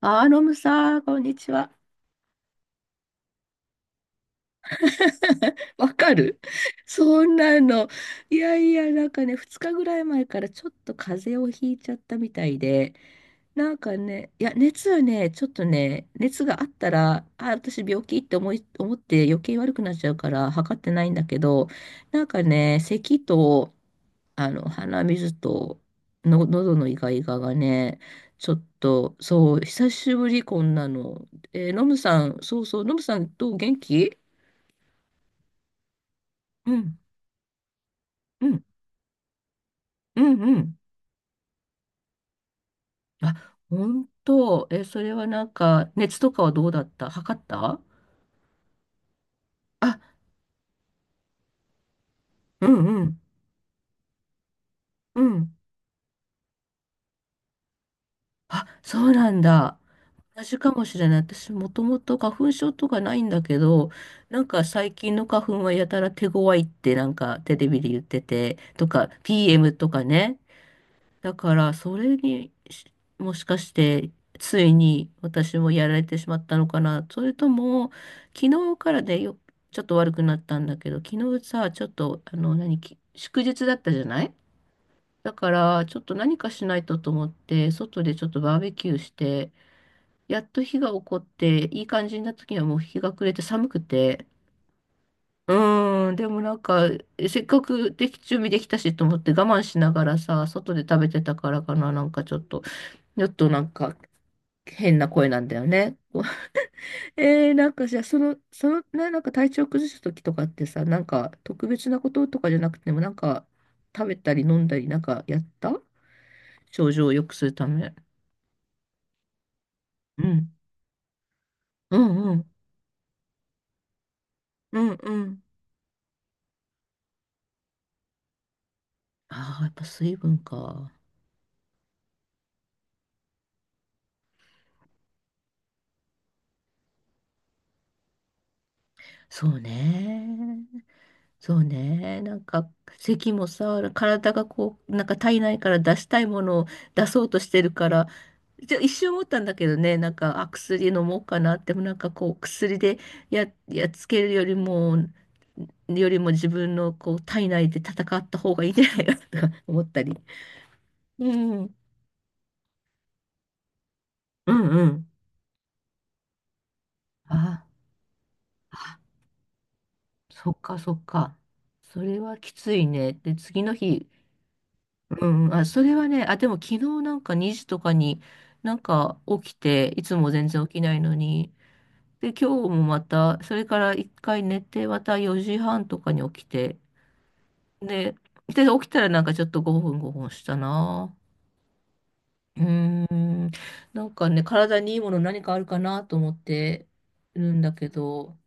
ロムさん、こんにちは。わかるそんなの。いやいや、なんかね、2日ぐらい前からちょっと風邪をひいちゃったみたいで、なんかね、いや、熱はね、ちょっとね、熱があったら、あ、私病気って思って余計悪くなっちゃうから測ってないんだけど、なんかね、咳と、鼻水との、喉のイガイガがね、ちょっと、そう、久しぶり、こんなの。ノムさん、そうそう、ノムさん、どう元気？うん、うん、うん、うん。あ、本当。え、それはなんか、熱とかはどうだった？測った？あ、うん、うん、うん。あ、そうなんだ。同じかもしれない。私もともと花粉症とかないんだけど、なんか最近の花粉はやたら手強いってなんかテレビで言ってて、とか PM とかね。だからそれにしもしかしてついに私もやられてしまったのかな。それとも昨日からでよ、ちょっと悪くなったんだけど、昨日さ、ちょっとあの何、き祝日だったじゃない？だからちょっと何かしないとと思って、外でちょっとバーベキューして、やっと日が起こって、いい感じになった時にはもう日が暮れて寒くて、うーん、でもなんか、せっかくでき、準備できたしと思って我慢しながらさ、外で食べてたからかな、なんかちょっと、ちょっとなんか変な声なんだよね。なんかじゃあ、その、ね、なんか体調崩した時とかってさ、なんか特別なこととかじゃなくても、なんか食べたり飲んだりなんかやった症状を良くするため。うん。うんうん。うんうん。ああ、やっぱ水分か。そうね。そうね。なんか、咳もさ、体がこう、なんか体内から出したいものを出そうとしてるから、じゃ一瞬思ったんだけどね、なんか、あ、薬飲もうかなって、でもなんかこう、薬でやっつけるよりも、よりも自分のこう、体内で戦った方がいいんじゃないかとか思ったり。うん。うんうん。ああ、そっかそっか。それはきついね。で、次の日、うんあ、それはね、あ、でも昨日なんか2時とかになんか起きて、いつも全然起きないのに。で、今日もまた、それから一回寝て、また4時半とかに起きて。で、で、起きたらなんかちょっと5分5分したな。うーん。なんかね、体にいいもの何かあるかなと思ってるんだけど、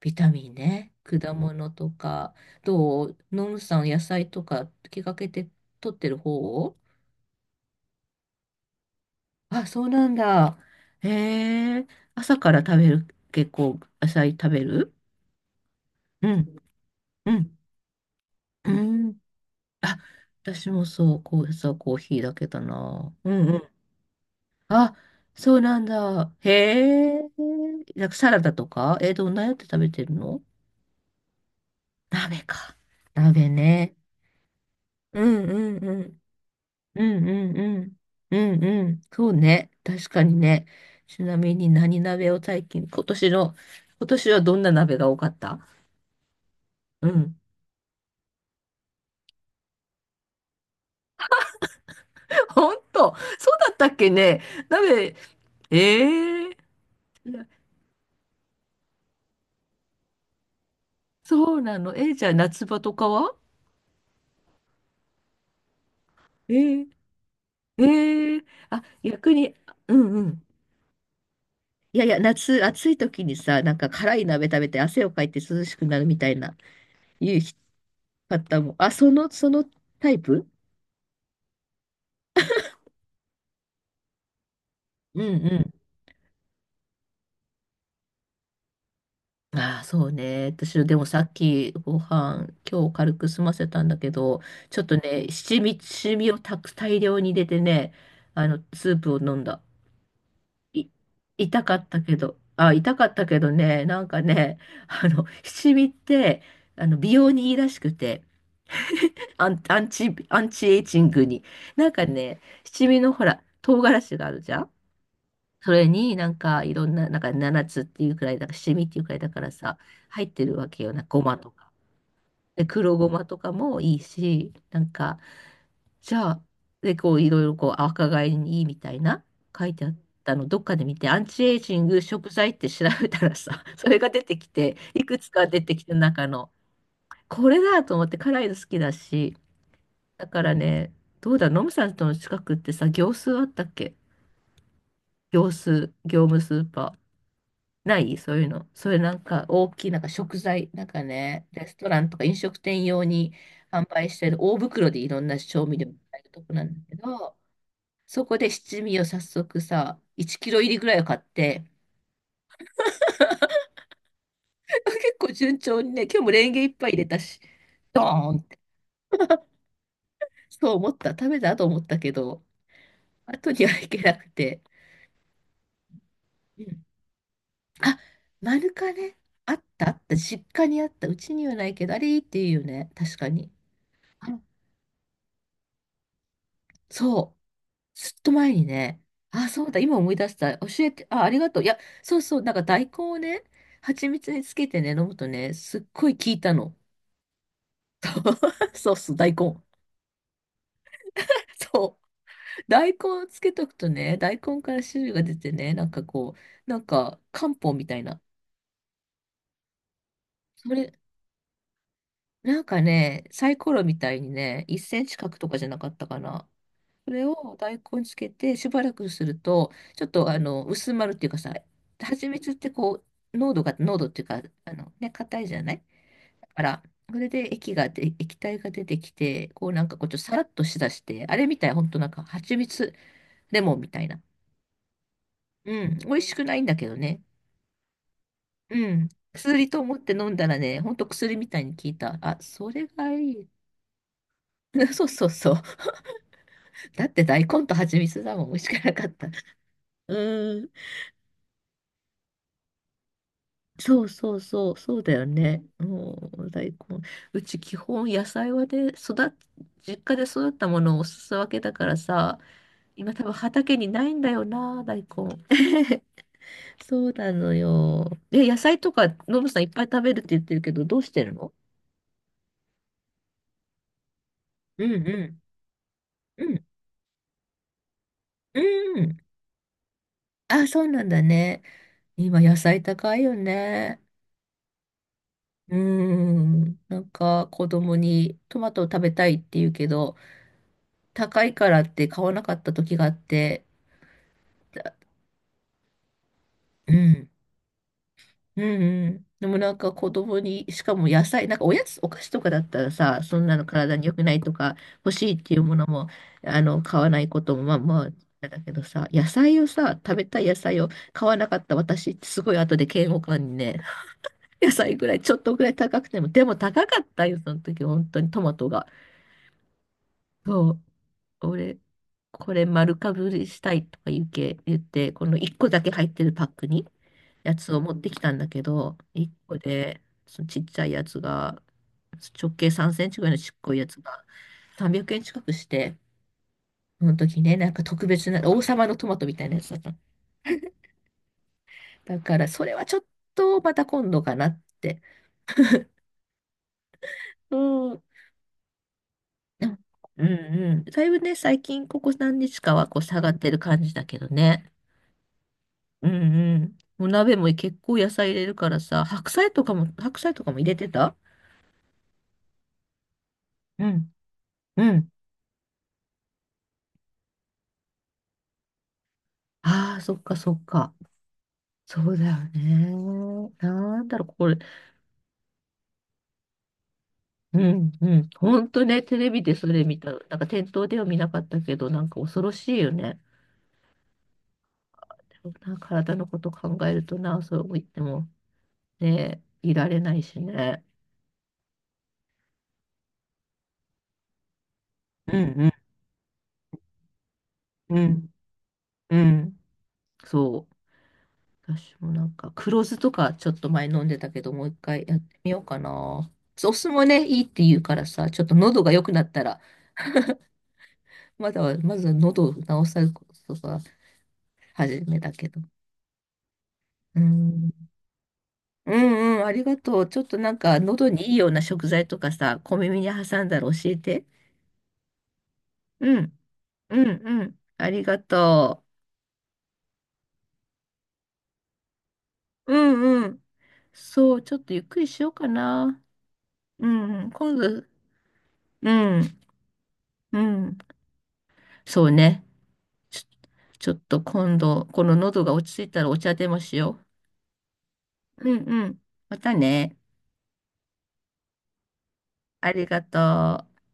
ビタミンね、果物とか、どうノムさん野菜とか気がけて取ってる方？あ、そうなんだ。へえ、朝から食べる？結構野菜食べる？うん、うん、うん。あ、私もそう、こう、朝コーヒーだけだな。うんうん。あ、そうなんだ。へえ、なんかサラダとかえ、どんなやって食べてるの？鍋か。鍋ね。うんうんうん。うんうんうん。うんうん。そうね。確かにね。ちなみに何鍋を最近、今年の、今年はどんな鍋が多かった？うん。本当、そうだったっけね。鍋、ええそうなの。えーじゃあ夏場とかは？えー、えーあ、逆に、うんうん。いやいや、夏、暑い時にさ、なんか辛い鍋食べて汗をかいて涼しくなるみたいな、いう方も。あ、そのタイプ？うんうん。ああ、そうね。私、でもさっきご飯、今日軽く済ませたんだけど、ちょっとね、七味をたく大量に入れてね、あの、スープを飲んだ。い、痛かったけどね、なんかね、あの、七味って、あの、美容にいいらしくて、アンチエイジングに。なんかね、七味のほら、唐辛子があるじゃん。それになんかいろんな、なんか7つっていうくらい、なんか七味っていうくらいだからさ、入ってるわけよな、ごまとか。で、黒ごまとかもいいし、なんか、じゃあ、で、こう、いろいろこう、若返りにいいみたいな、書いてあったの、どっかで見て、アンチエイジング食材って調べたらさ、それが出てきて、いくつか出てきて、中の、これだと思って、辛いの好きだし、だからね、どうだ、ノムさんとの近くってさ、業数あったっけ？業数業務スーパー。ないそういうの。そういうなんか大きいなんか食材、なんかね、レストランとか飲食店用に販売してる大袋でいろんな調味料買えるとこなんだけど、そこで七味を早速さ、1キロ入りぐらいを買って、結構順調にね、今日もレンゲ一杯入れたし、ドーンって、そう思った。食べたと思ったけど、後にはいけなくて。うんあ、マヌカね。あったあった。実家にあった。うちにはないけど、あれいいっていうよね。確かに。あそう。ずっと前にね、あ、そうだ、今思い出した。教えて、あ、ありがとう。いや、そうそう、なんか大根をね、蜂蜜につけてね、飲むとね、すっごい効いたの。そうそう、大根。そう。大根をつけとくとね、大根から汁が出てね、なんかこう、なんか漢方みたいな。それ、なんかね、サイコロみたいにね、1センチ角とかじゃなかったかな。それを大根につけてしばらくすると、ちょっとあの薄まるっていうかさ、蜂蜜ってこう、濃度っていうか、あのね、硬いじゃない？だから、それで液体が出てきて、こうなんかこうちょっとさらっとしだして、あれみたい、ほんとなんか蜂蜜レモンみたいな。うん、美味しくないんだけどね。うん。薬と思って飲んだらね、ほんと薬みたいに効いた。あ、それがいい。そうそうそう。だって大根と蜂蜜だもん、美味しくなかった。うん。そうそうそう、そうだよね。もう大根。うち基本野菜はで育っ、実家で育ったものをおすすわけだからさ、今多分畑にないんだよな、大根。そうなのよ。え、野菜とか、ノブさんいっぱい食べるって言ってるけど、どうしてるの？うんうんうん、うん。あ、そうなんだね。今野菜高いよね。うーん。なんか子供にトマトを食べたいって言うけど、高いからって買わなかった時があって、だうん、うんうん。でもなんか子供に、しかも野菜、なんかおやつ、お菓子とかだったらさ、そんなの体に良くないとか、欲しいっていうものも、あの、買わないことも、まあまあ、だけどさ、野菜をさ、食べたい野菜を買わなかった私ってすごい後で嫌悪感にね、野菜ぐらい、ちょっとぐらい高くても、でも高かったよ、その時、本当にトマトが。そう俺、これ丸かぶりしたいとか言うけ、言って、この1個だけ入ってるパックにやつを持ってきたんだけど、1個で、そのちっちゃいやつが、直径3センチぐらいのちっこいやつが300円近くして、その時ね、なんか特別な、王様のトマトみたいなやつだったの。だから、それはちょっとまた今度かなって。うん。でもうんうん。だいぶね、最近ここ何日かはこう下がってる感じだけどね。うんうん。お鍋も結構野菜入れるからさ、白菜とかも入れてた？うん。うん。ああ、そっかそっか。そうだよね。なんだろう、これ。うんうん。ほんとね、テレビでそれ見た。なんか店頭では見なかったけど、なんか恐ろしいよね。でもな体のこと考えるとな、そう言ってもね、いられないしね。うんうんうんうん。そう。私もなんか、黒酢とかちょっと前飲んでたけど、もう一回やってみようかな。お酢もね、いいって言うからさ、ちょっと喉が良くなったら、まだは、まずは喉を治さることが始めだけど。うん。うんうん、ありがとう。ちょっとなんか、喉にいいような食材とかさ、小耳に挟んだら教えて。うん、うん、うん。ありがとう。うんうん。そう、ちょっとゆっくりしようかな。うんうん、今度、うん、うん。そうね。ちょちょっと今度、この喉が落ち着いたらお茶でもしよう。うんうん。またね。ありがとう。